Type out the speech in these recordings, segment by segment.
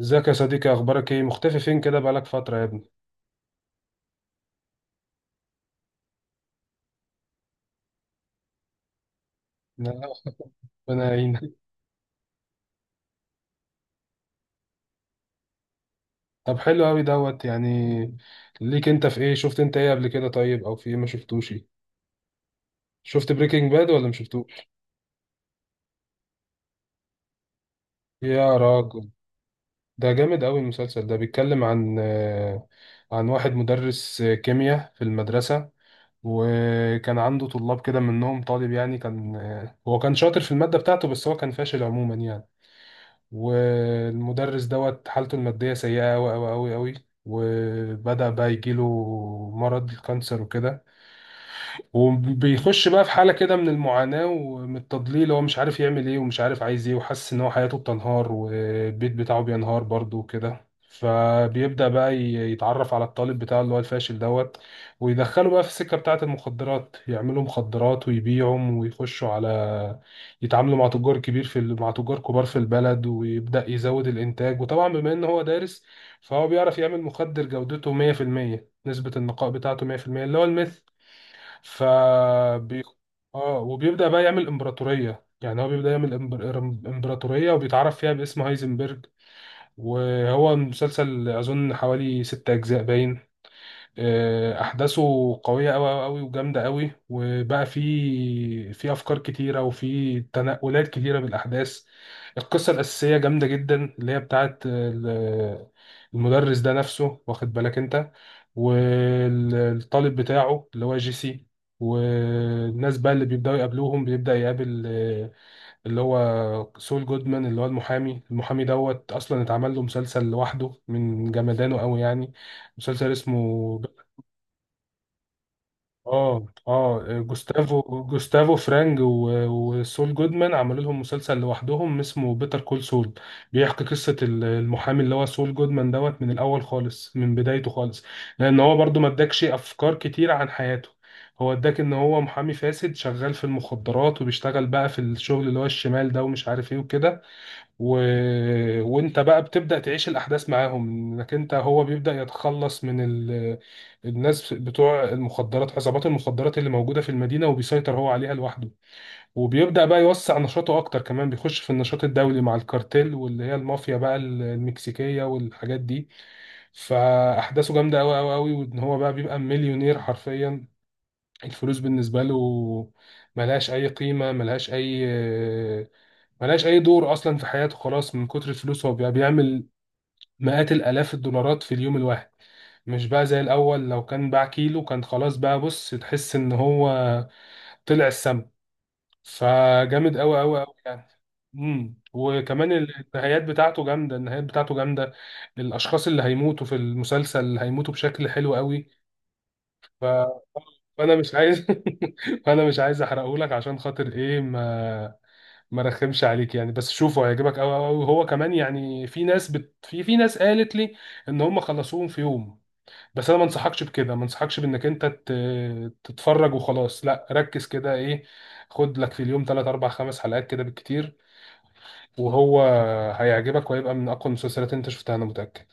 ازيك يا صديقي، اخبارك ايه؟ مختفي فين كده؟ بقالك فترة يا ابني. لا، ربنا يعينك. طب حلو قوي دوت يعني ليك انت في ايه؟ شفت انت ايه قبل كده طيب؟ او في ايه ما شفتوش ايه؟ شفت بريكنج باد ولا ما شفتوش؟ يا راجل. ده جامد قوي. المسلسل ده بيتكلم عن عن واحد مدرس كيمياء في المدرسة. وكان عنده طلاب كده، منهم طالب يعني. كان هو كان شاطر في المادة بتاعته، بس هو كان فاشل عموما يعني. والمدرس دوت حالته المادية سيئة أوي أوي أوي أوي. وبدأ بقى يجيله مرض الكانسر وكده. وبيخش بقى في حالة كده من المعاناة ومن التضليل. هو مش عارف يعمل ايه ومش عارف عايز ايه، وحاسس ان هو حياته بتنهار والبيت بتاعه بينهار برضه وكده. فبيبدأ بقى يتعرف على الطالب بتاعه اللي هو الفاشل دوت. ويدخله بقى في السكة بتاعة المخدرات، يعملوا مخدرات ويبيعهم ويخشوا على يتعاملوا مع تجار كبير مع تجار كبار في البلد. ويبدأ يزود الإنتاج. وطبعا بما إن هو دارس، فهو بيعرف يعمل مخدر جودته 100%، نسبة النقاء بتاعته 100%، اللي هو الميث. ف بي... اه وبيبدأ بقى يعمل امبراطورية. يعني هو بيبدأ يعمل امبراطورية، وبيتعرف فيها باسم هايزنبرج. وهو مسلسل أظن حوالي ست أجزاء باين. احداثه قويه قوي قوي وجامده قوي. وبقى في افكار كتيره وفي تنقلات كتيره بالاحداث. القصه الاساسيه جامده جدا، اللي هي المدرس ده نفسه، واخد بالك انت؟ والطالب بتاعه اللي هو جيسي. والناس بقى اللي بيبداوا يقابلوهم، بيبدا يقابل اللي هو سول جودمان اللي هو المحامي. المحامي دوت اصلا اتعمل له مسلسل لوحده من جمدانه قوي يعني. مسلسل اسمه اه جوستافو، جوستافو فرانج وسول جودمان عملوا لهم مسلسل لوحدهم اسمه بيتر كول سول. بيحكي قصة المحامي اللي هو سول جودمان دوت من الأول خالص، من بدايته خالص. لأن هو برضو ما اداكش أفكار كتير عن حياته. هو اداك إن هو محامي فاسد شغال في المخدرات، وبيشتغل بقى في الشغل اللي هو الشمال ده ومش عارف إيه وكده. و... وانت بقى بتبدأ تعيش الأحداث معاهم، انك انت هو بيبدأ يتخلص من الناس بتوع المخدرات، عصابات المخدرات اللي موجودة في المدينة، وبيسيطر هو عليها لوحده. وبيبدأ بقى يوسع نشاطه أكتر كمان، بيخش في النشاط الدولي مع الكارتيل، واللي هي المافيا بقى المكسيكية والحاجات دي. فأحداثه جامدة أوي أوي أوي. وإن هو بقى بيبقى مليونير حرفيا. الفلوس بالنسبة له ملهاش أي قيمة، ملهاش اي دور اصلا في حياته خلاص من كتر الفلوس. هو بقى بيعمل مئات الالاف الدولارات في اليوم الواحد، مش بقى زي الاول لو كان باع كيلو كان خلاص بقى. بص، تحس ان هو طلع السما. فجامد قوي قوي قوي يعني. وكمان النهايات بتاعته جامده، النهايات بتاعته جامده. الاشخاص اللي هيموتوا في المسلسل هيموتوا بشكل حلو قوي. ف... فانا مش عايز. فانا مش عايز احرقه لك، عشان خاطر ايه؟ ما رخمش عليك يعني. بس شوفه، هيعجبك قوي قوي هو كمان يعني. في ناس في ناس قالت لي ان هم خلصوهم في يوم. بس انا ما انصحكش بكده، ما انصحكش بانك انت تتفرج وخلاص. لا، ركز كده. ايه، خد لك في اليوم 3 4 5 حلقات كده بالكتير. وهو هيعجبك، وهيبقى من اقوى المسلسلات اللي انت شفتها، انا متأكد.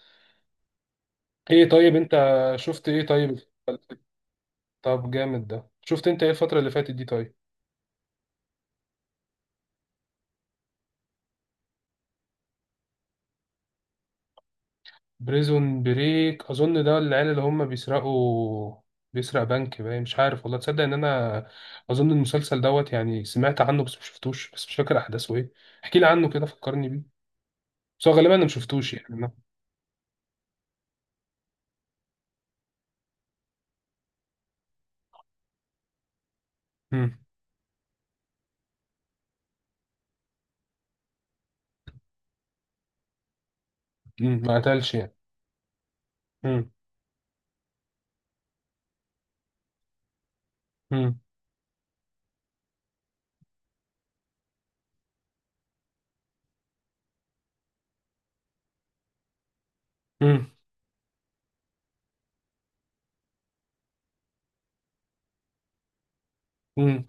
ايه طيب، انت شفت ايه طيب؟ طب جامد. ده شفت انت ايه الفترة اللي فاتت دي طيب؟ بريزون بريك، اظن ده العيال اللي هم بيسرقوا بيسرق بنك باين، مش عارف. والله تصدق ان انا اظن المسلسل دوت يعني سمعت عنه بس مشفتوش، بس مش فاكر احداثه ايه. احكي لي عنه كده، فكرني بيه. بس هو غالبا انا مشفتوش يعني انا. امم. امم، ما قتلش يعني. امم. امم. امم. امم.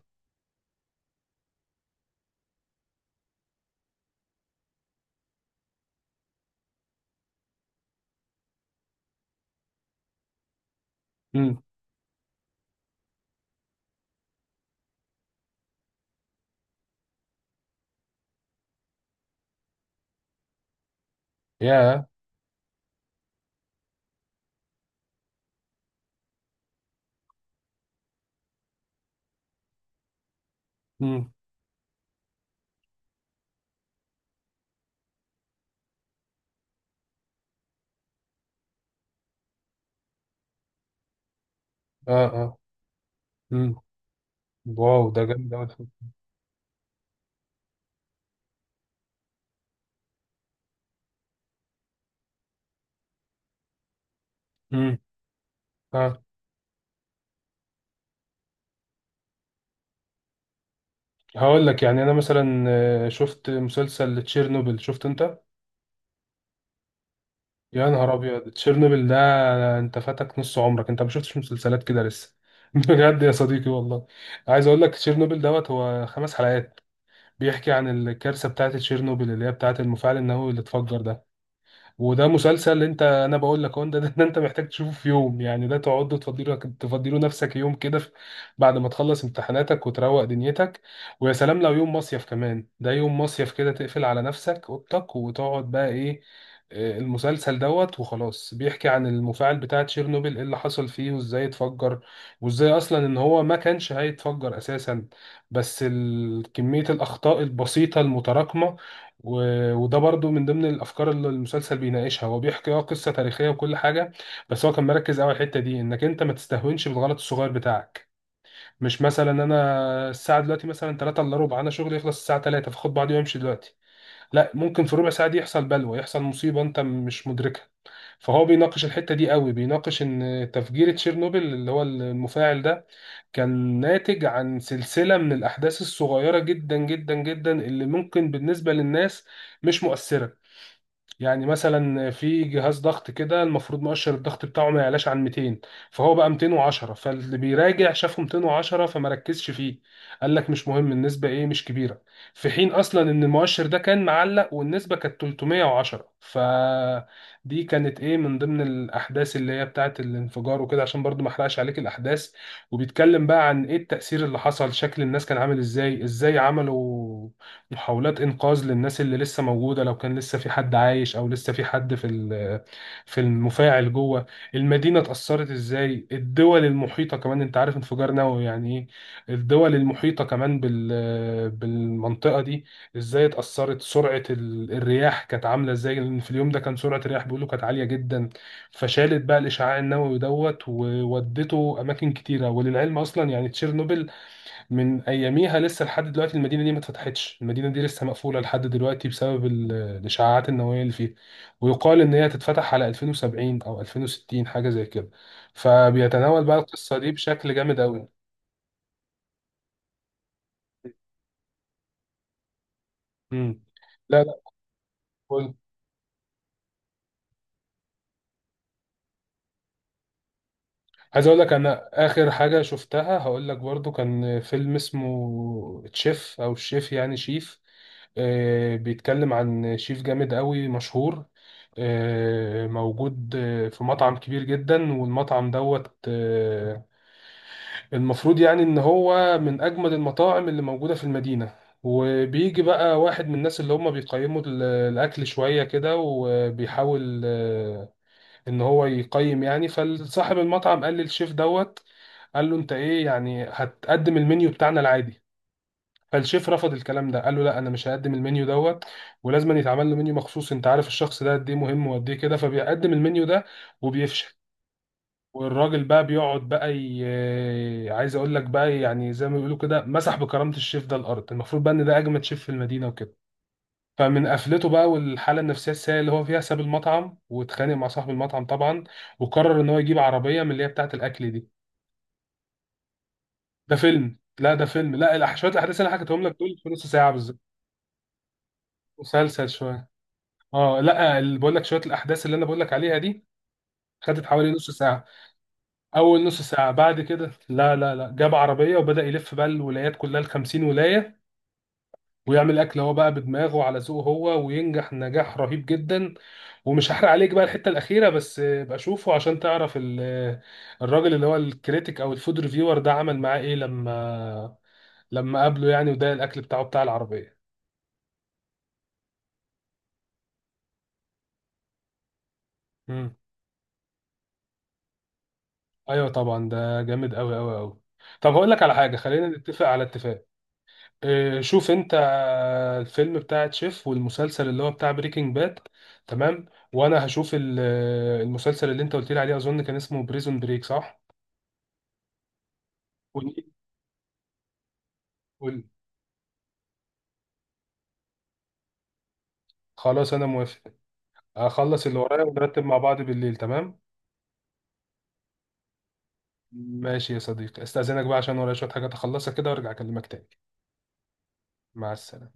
امم. يا. امم. اه، اه. امم. واو، ده جامد قوي. امم. اه. هقول لك يعني انا مثلا شفت مسلسل تشيرنوبل، شفت انت؟ يا نهار ابيض، تشيرنوبل ده انت فاتك نص عمرك. انت ما شفتش مسلسلات كده لسه. بجد يا صديقي والله. عايز اقول لك، تشيرنوبل دوت هو خمس حلقات بيحكي عن الكارثه بتاعه تشيرنوبل، اللي هي بتاعه المفاعل النووي اللي اتفجر ده. وده مسلسل انت انا بقول لك اهو. ده، ده انت محتاج تشوفه في يوم يعني. ده تقعد تفضيله تفضيله نفسك يوم كده بعد ما تخلص امتحاناتك وتروق دنيتك. ويا سلام لو يوم مصيف كمان. ده يوم مصيف كده تقفل على نفسك اوضتك وتقعد بقى ايه، المسلسل دوت وخلاص. بيحكي عن المفاعل بتاع تشيرنوبيل، ايه اللي حصل فيه وازاي اتفجر، وازاي اصلا ان هو ما كانش هيتفجر اساسا. بس كمية الاخطاء البسيطة المتراكمة. وده برضو من ضمن الافكار اللي المسلسل بيناقشها. هو بيحكي قصه تاريخيه وكل حاجه، بس هو كان مركز قوي على الحته دي، انك انت ما تستهونش بالغلط الصغير بتاعك. مش مثلا انا الساعه دلوقتي مثلا 3 الا ربع، انا شغلي يخلص الساعه 3، فاخد بعضي وامشي دلوقتي. لا، ممكن في ربع ساعه دي يحصل بلوى، يحصل مصيبه انت مش مدركها. فهو بيناقش الحته دي قوي. بيناقش ان تفجير تشيرنوبل اللي هو المفاعل ده كان ناتج عن سلسلة من الأحداث الصغيرة جدا جدا جدا، اللي ممكن بالنسبة للناس مش مؤثرة. يعني مثلا في جهاز ضغط كده، المفروض مؤشر الضغط بتاعه ما يعلاش عن 200، فهو بقى 210. فاللي بيراجع شافه 210 فما ركزش فيه، قال لك مش مهم النسبة، ايه مش كبيرة. في حين اصلا ان المؤشر ده كان معلق والنسبة كانت 310. فدي كانت ايه من ضمن الاحداث اللي هي بتاعت الانفجار وكده، عشان برضو ما احرقش عليك الاحداث. وبيتكلم بقى عن ايه التأثير اللي حصل، شكل الناس كان عامل ازاي، ازاي عملوا محاولات انقاذ للناس اللي لسه موجوده لو كان لسه في حد عايش، او لسه في حد في المفاعل جوه. المدينه اتاثرت ازاي، الدول المحيطه كمان، انت عارف انفجار نووي يعني ايه؟ الدول المحيطه كمان بالمنطقه دي ازاي اتاثرت. سرعه الرياح كانت عامله ازاي، لان في اليوم ده كان سرعه الرياح بيقولوا كانت عاليه جدا. فشالت بقى الاشعاع النووي دوت وودته اماكن كتيره. وللعلم اصلا يعني تشيرنوبل من اياميها لسه لحد دلوقتي المدينه دي ما اتفتحتش. المدينه دي لسه مقفوله لحد دلوقتي بسبب الاشعاعات النوويه اللي فيها. ويقال ان هي تتفتح على 2070 او 2060، حاجه زي كده. فبيتناول بقى القصه دي بشكل جامد قوي. امم. لا لا، قول. عايز اقول لك انا اخر حاجه شفتها هقول لك برضو. كان فيلم اسمه تشيف او الشيف، يعني شيف. بيتكلم عن شيف جامد قوي مشهور، موجود في مطعم كبير جدا. والمطعم دوت المفروض يعني ان هو من اجمد المطاعم اللي موجودة في المدينة. وبيجي بقى واحد من الناس اللي هم بيقيموا الاكل شوية كده، وبيحاول ان هو يقيم يعني. فصاحب المطعم قال للشيف دوت، قال له انت ايه يعني هتقدم المنيو بتاعنا العادي. فالشيف رفض الكلام ده، قال له لا، انا مش هقدم المنيو دوت، ولازم يتعمل له منيو مخصوص. انت عارف الشخص ده قد ايه مهم وقد ايه كده. فبيقدم المنيو ده وبيفشل. والراجل بقى بيقعد بقى ي... آه، عايز اقول لك بقى. يعني زي ما بيقولوا كده، مسح بكرامة الشيف ده الارض، المفروض بقى ان ده اجمد شيف في المدينة وكده. فمن قفلته بقى والحالة النفسية السيئة اللي هو فيها، ساب المطعم واتخانق مع صاحب المطعم طبعا، وقرر ان هو يجيب عربية من اللي هي بتاعة الاكل دي. ده فيلم. لا ده فيلم. لا شوية الاحداث اللي انا حكيتهم لك دول في نص ساعة بالظبط. مسلسل شوية. اه لا، اللي بقول لك شويه الاحداث اللي انا بقول لك عليها دي خدت حوالي نص ساعه. اول نص ساعه. بعد كده لا لا لا، جاب عربيه وبدا يلف بقى الولايات كلها ال 50 ولايه، ويعمل اكل هو بقى بدماغه على ذوقه هو، وينجح نجاح رهيب جدا. ومش هحرق عليك بقى الحته الاخيره، بس بقى شوفه عشان تعرف الراجل اللي هو الكريتيك او الفود ريفيور ده عمل معاه ايه لما قابله يعني. وده الاكل بتاعه بتاع العربيه. مم. ايوه طبعا، ده جامد قوي قوي قوي. طب هقول لك على حاجه، خلينا نتفق على اتفاق. إيه، شوف انت الفيلم بتاع تشيف والمسلسل اللي هو بتاع بريكنج باد. تمام. وانا هشوف المسلسل اللي انت قلت لي عليه، اظن كان اسمه بريزون بريك، صح؟ قول- قول. خلاص انا موافق. هخلص اللي ورايا ونرتب مع بعض بالليل، تمام. ماشي يا صديقي، استاذنك بقى عشان ورايا شوية حاجات اخلصها كده وارجع اكلمك تاني. مع السلامة.